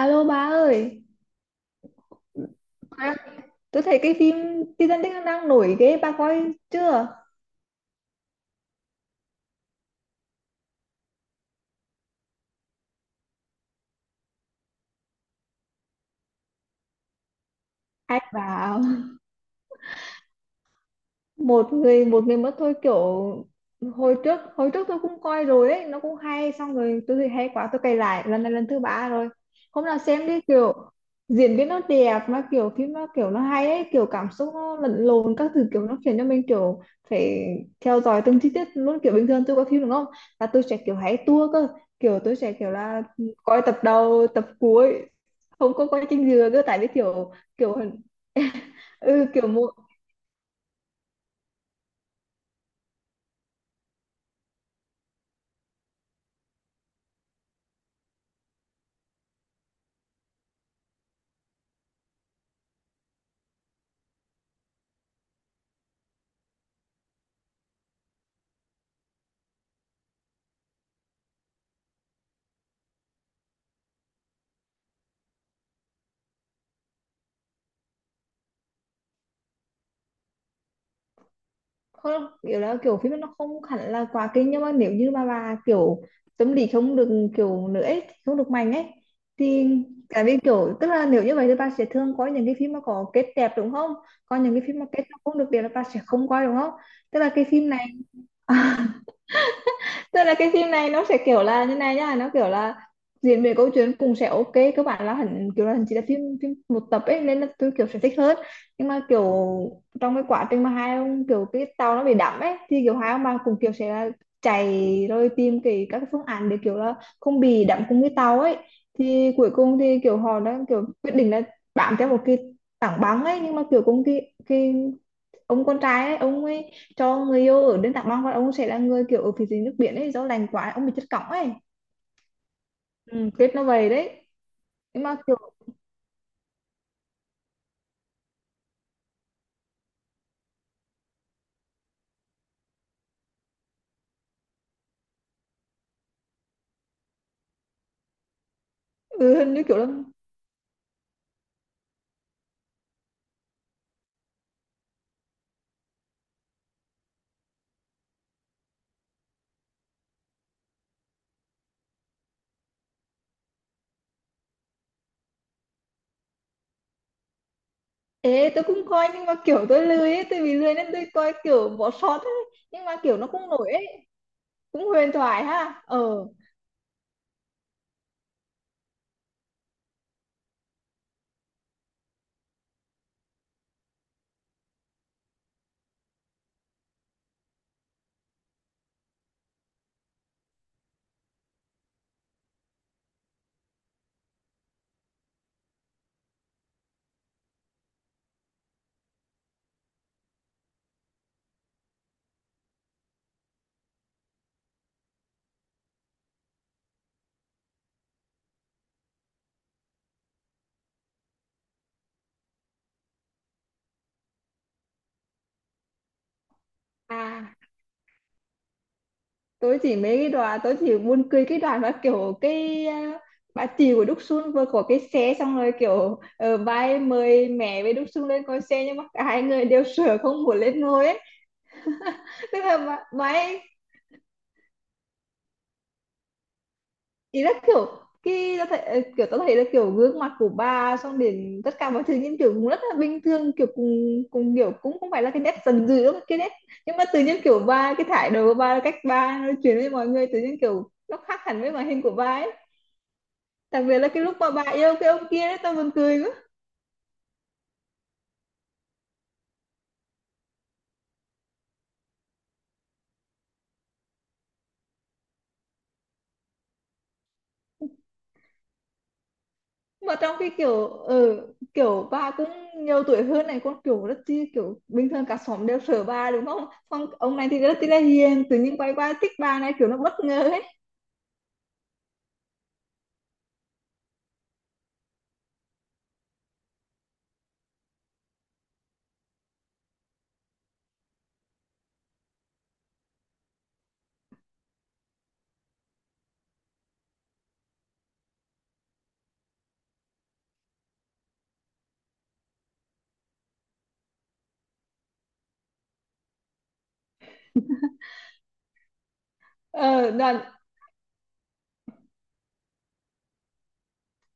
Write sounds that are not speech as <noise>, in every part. Alo bà ơi, à, tôi thấy cái phim Titanic nó đang nổi ghê, bà coi chưa? Ai vào? Một người một mình mất thôi kiểu. Hồi trước tôi cũng coi rồi ấy, nó cũng hay. Xong rồi tôi thấy hay quá tôi cày lại, lần này lần thứ ba rồi. Hôm nào xem đi kiểu, diễn biến nó đẹp mà, kiểu phim nó kiểu nó hay ấy, kiểu cảm xúc nó lẫn lộn các thứ, kiểu nó khiến cho mình kiểu phải theo dõi từng chi tiết luôn. Kiểu bình thường tôi coi phim đúng không, là tôi sẽ kiểu hay tua cơ, kiểu tôi sẽ kiểu là coi tập đầu tập cuối, không có coi trình dừa cơ, tại vì kiểu, kiểu ừ, kiểu một. Không kiểu là kiểu phim nó không hẳn là quá kinh, nhưng mà nếu như mà bà kiểu tâm lý không được kiểu nữa ấy, không được mạnh ấy, thì tại vì kiểu, tức là nếu như vậy thì bà sẽ thường coi những cái phim mà có kết đẹp đúng không, còn những cái phim mà kết nó không được đẹp là bà sẽ không coi đúng không. Tức là cái phim này tức là cái phim này nó sẽ kiểu là như này nhá, nó kiểu là diễn biến câu chuyện cũng sẽ ok. Các bạn là hẳn kiểu là chỉ là phim phim một tập ấy, nên là tôi kiểu sẽ thích hơn. Nhưng mà kiểu trong cái quá trình mà hai ông kiểu cái tàu nó bị đắm ấy, thì kiểu hai ông bà cũng kiểu sẽ là chạy rồi tìm các cái phương án để kiểu là không bị đắm cùng cái tàu ấy. Thì cuối cùng thì kiểu họ đã kiểu quyết định là bám theo một cái tảng băng ấy, nhưng mà kiểu cũng cái ông con trai ấy, ông ấy cho người yêu ở bên Tạng Long và ông sẽ là người kiểu ở phía dưới nước biển ấy, do lành quá ông bị chất cỏng ấy. Ừ, kết nó vậy đấy. Nhưng mà kiểu ừ, hình như kiểu là ê tôi cũng coi, nhưng mà kiểu tôi lười ấy, tôi bị lười nên tôi coi kiểu bỏ sót ấy, nhưng mà kiểu nó cũng nổi ấy, cũng huyền thoại ha. Ờ à, tôi chỉ mấy cái đoạn, tôi chỉ buồn cười cái đoạn mà kiểu cái à, bà chị của Đúc Sun vừa có cái xe, xong rồi kiểu ờ, bà ấy mời mẹ với Đúc Sun lên coi xe nhưng mà cả hai người đều sợ không muốn lên ngồi ấy. Tức là mà ấy, ý là kiểu khi ta thấy, kiểu ta thấy là kiểu gương mặt của bà xong đến tất cả mọi thứ những kiểu cũng rất là bình thường, kiểu cùng cùng kiểu cũng không phải là cái nét dần dữ đâu, cái nét nhưng mà tự nhiên kiểu bà, cái thái độ của bà, cách bà nói chuyện với mọi người tự nhiên kiểu nó khác hẳn với màn hình của bà ấy. Đặc biệt là cái lúc mà bà yêu cái ông kia đấy tao buồn cười. Mà trong cái kiểu ừ, kiểu bà cũng nhiều tuổi hơn này con, kiểu rất chi kiểu bình thường, cả xóm đều sợ bà đúng không, xong ông này thì rất chi là hiền, tự nhiên quay qua thích bà này kiểu nó bất ngờ ấy. Ờ đoàn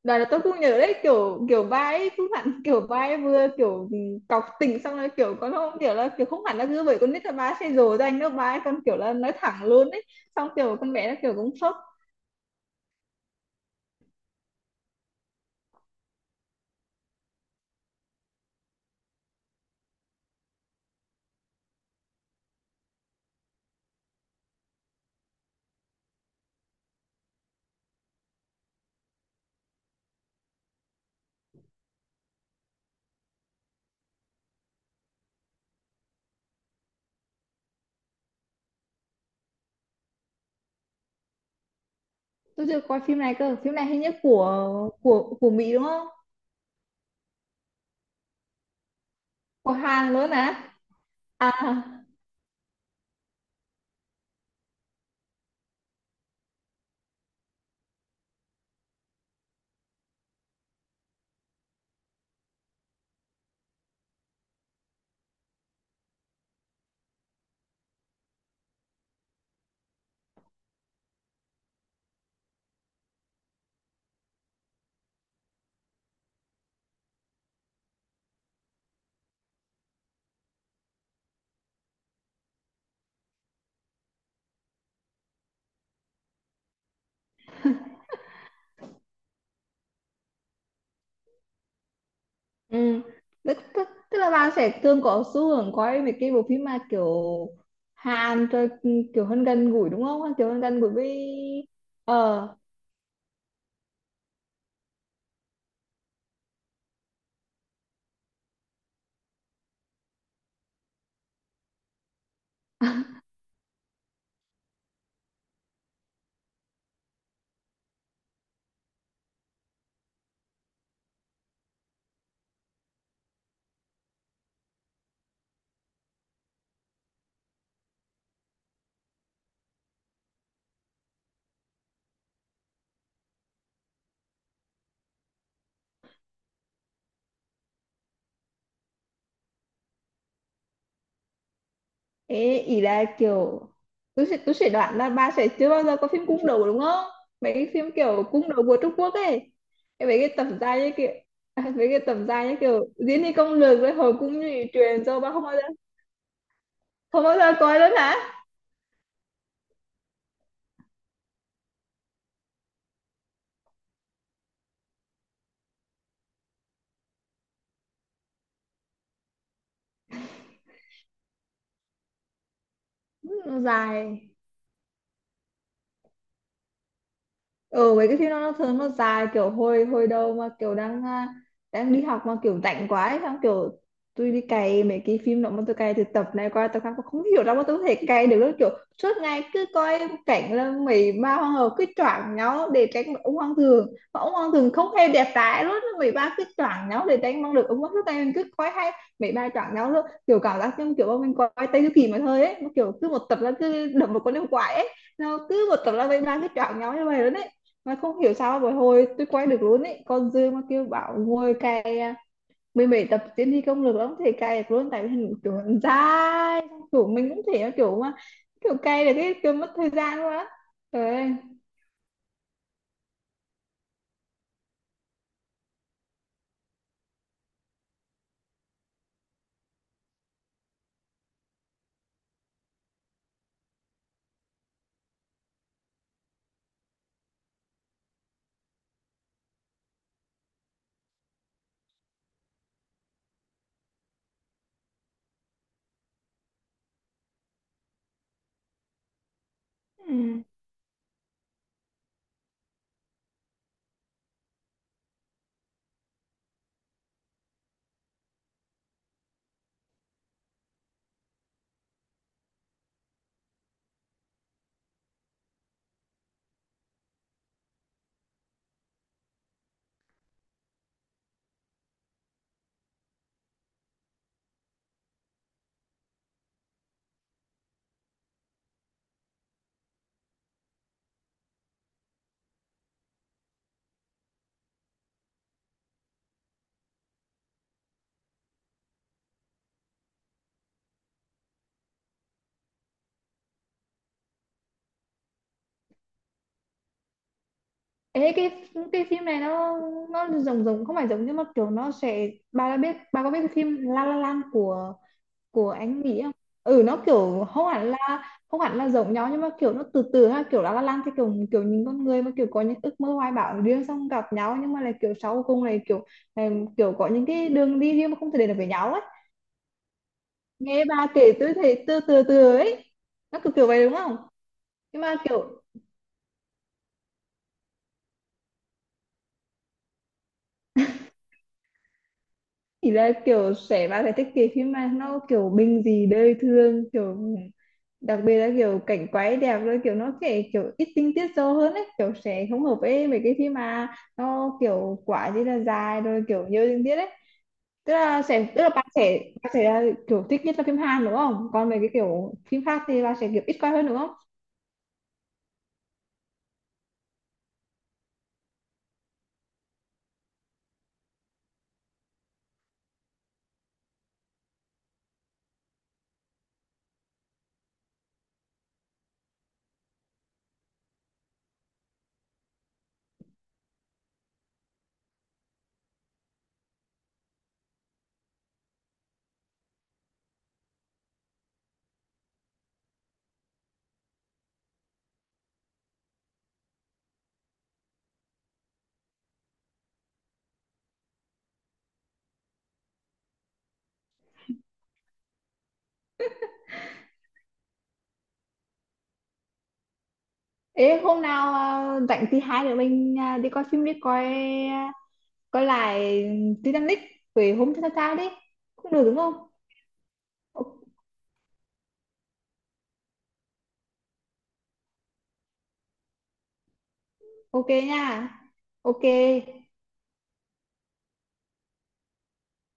đoàn là tôi cũng nhớ đấy, kiểu kiểu bà ấy cũng hẳn kiểu bà ấy vừa kiểu ừ, cọc tình, xong rồi kiểu con không kiểu là kiểu không hẳn là cứ bởi con nít là bà ấy sẽ dỗ dành đâu, bà ấy còn kiểu là nói thẳng luôn ấy, xong kiểu con bé nó kiểu cũng sốc. Tôi chưa coi phim này cơ, phim này hình như của Mỹ đúng không? Của Hàn luôn á? À. Ừ. Tức là bạn sẽ thường có xu hướng coi mấy cái bộ phim mà kiểu Hàn rồi ừ, kiểu hơn gần gũi đúng không? Kiểu hơn gần gũi với ờ. Ế, ý là kiểu tôi sẽ đoán là bà sẽ chưa bao giờ có phim cung đấu đúng không? Mấy cái phim kiểu cung đấu của Trung Quốc ấy. Cái mấy cái tập dài như kiểu <laughs> à, mấy cái tập dài như kiểu diễn đi công lược với hồi cung như truyền rồi bà không bao giờ. Không bao giờ coi luôn hả? Ừ, nó dài. Ừ, mấy cái phim nó thường nó dài, kiểu hồi hồi đầu mà kiểu đang à, đang đi học mà kiểu rảnh quá ấy, xong kiểu tôi đi cày mấy cái phim đó, mà tôi cày từ tập này qua tập khác, tôi không hiểu đâu mà tôi có thể cày được đâu, kiểu suốt ngày cứ coi cảnh là mấy ba hoàng hậu cứ choảng nhau để tránh được ông hoàng thường, mà ông hoàng thường không hề đẹp trai luôn, mấy ba cứ choảng nhau để tránh mong được ông hoàng, suốt ngày mình cứ coi hay mấy ba choảng nhau luôn, kiểu cảm giác như kiểu bọn mình coi Tây Du Ký mà thôi ấy, nó kiểu cứ một tập là cứ đập một con yêu quái ấy, nó cứ một tập là mấy ba cứ choảng nhau như vậy luôn ấy. Mà không hiểu sao mà hồi tôi quay được luôn ấy, con Dương mà kêu bảo ngồi cày à, mười bảy tập tiến thi công lược lắm thì cày được luôn, tại vì hình kiểu nó dài, kiểu mình cũng thể nó kiểu mà kiểu cày là cái kiểu mất thời gian luôn á. Trời ơi. Ừ. Ê, cái phim này nó giống giống không phải giống nhưng mà kiểu nó sẽ, bà đã biết, bà có biết cái phim La La Land của anh nghĩ không? Ừ, nó kiểu không hẳn là không hẳn là giống nhau, nhưng mà kiểu nó từ từ ha, kiểu La La Land thì kiểu kiểu những con người mà kiểu có những ước mơ hoài bão riêng, xong gặp nhau nhưng mà là kiểu sau cùng này, kiểu có những cái đường đi riêng mà không thể đến được với nhau ấy. Nghe bà kể tôi thấy từ từ từ ấy, nó kiểu kiểu vậy đúng không. Nhưng mà kiểu thì là kiểu sẽ bạn phải thích cái phim mà nó kiểu bình dị đời thường, kiểu đặc biệt là kiểu cảnh quay đẹp, rồi kiểu nó sẽ kiểu ít tinh tiết sâu hơn ấy, kiểu sẽ không hợp với mấy cái phim mà nó kiểu quá gì là dài rồi kiểu nhiều tình tiết ấy. Tức là sẽ tức là bạn sẽ là kiểu thích nhất là phim Hàn đúng không, còn mấy cái kiểu phim khác thì bạn sẽ kiểu ít coi hơn đúng không. Ê hôm nào à, rảnh thì hai đứa mình à, đi coi phim đi, coi coi lại Titanic về hôm thứ sáu đấy. Cũng được đúng không? O- ok nha. Ok.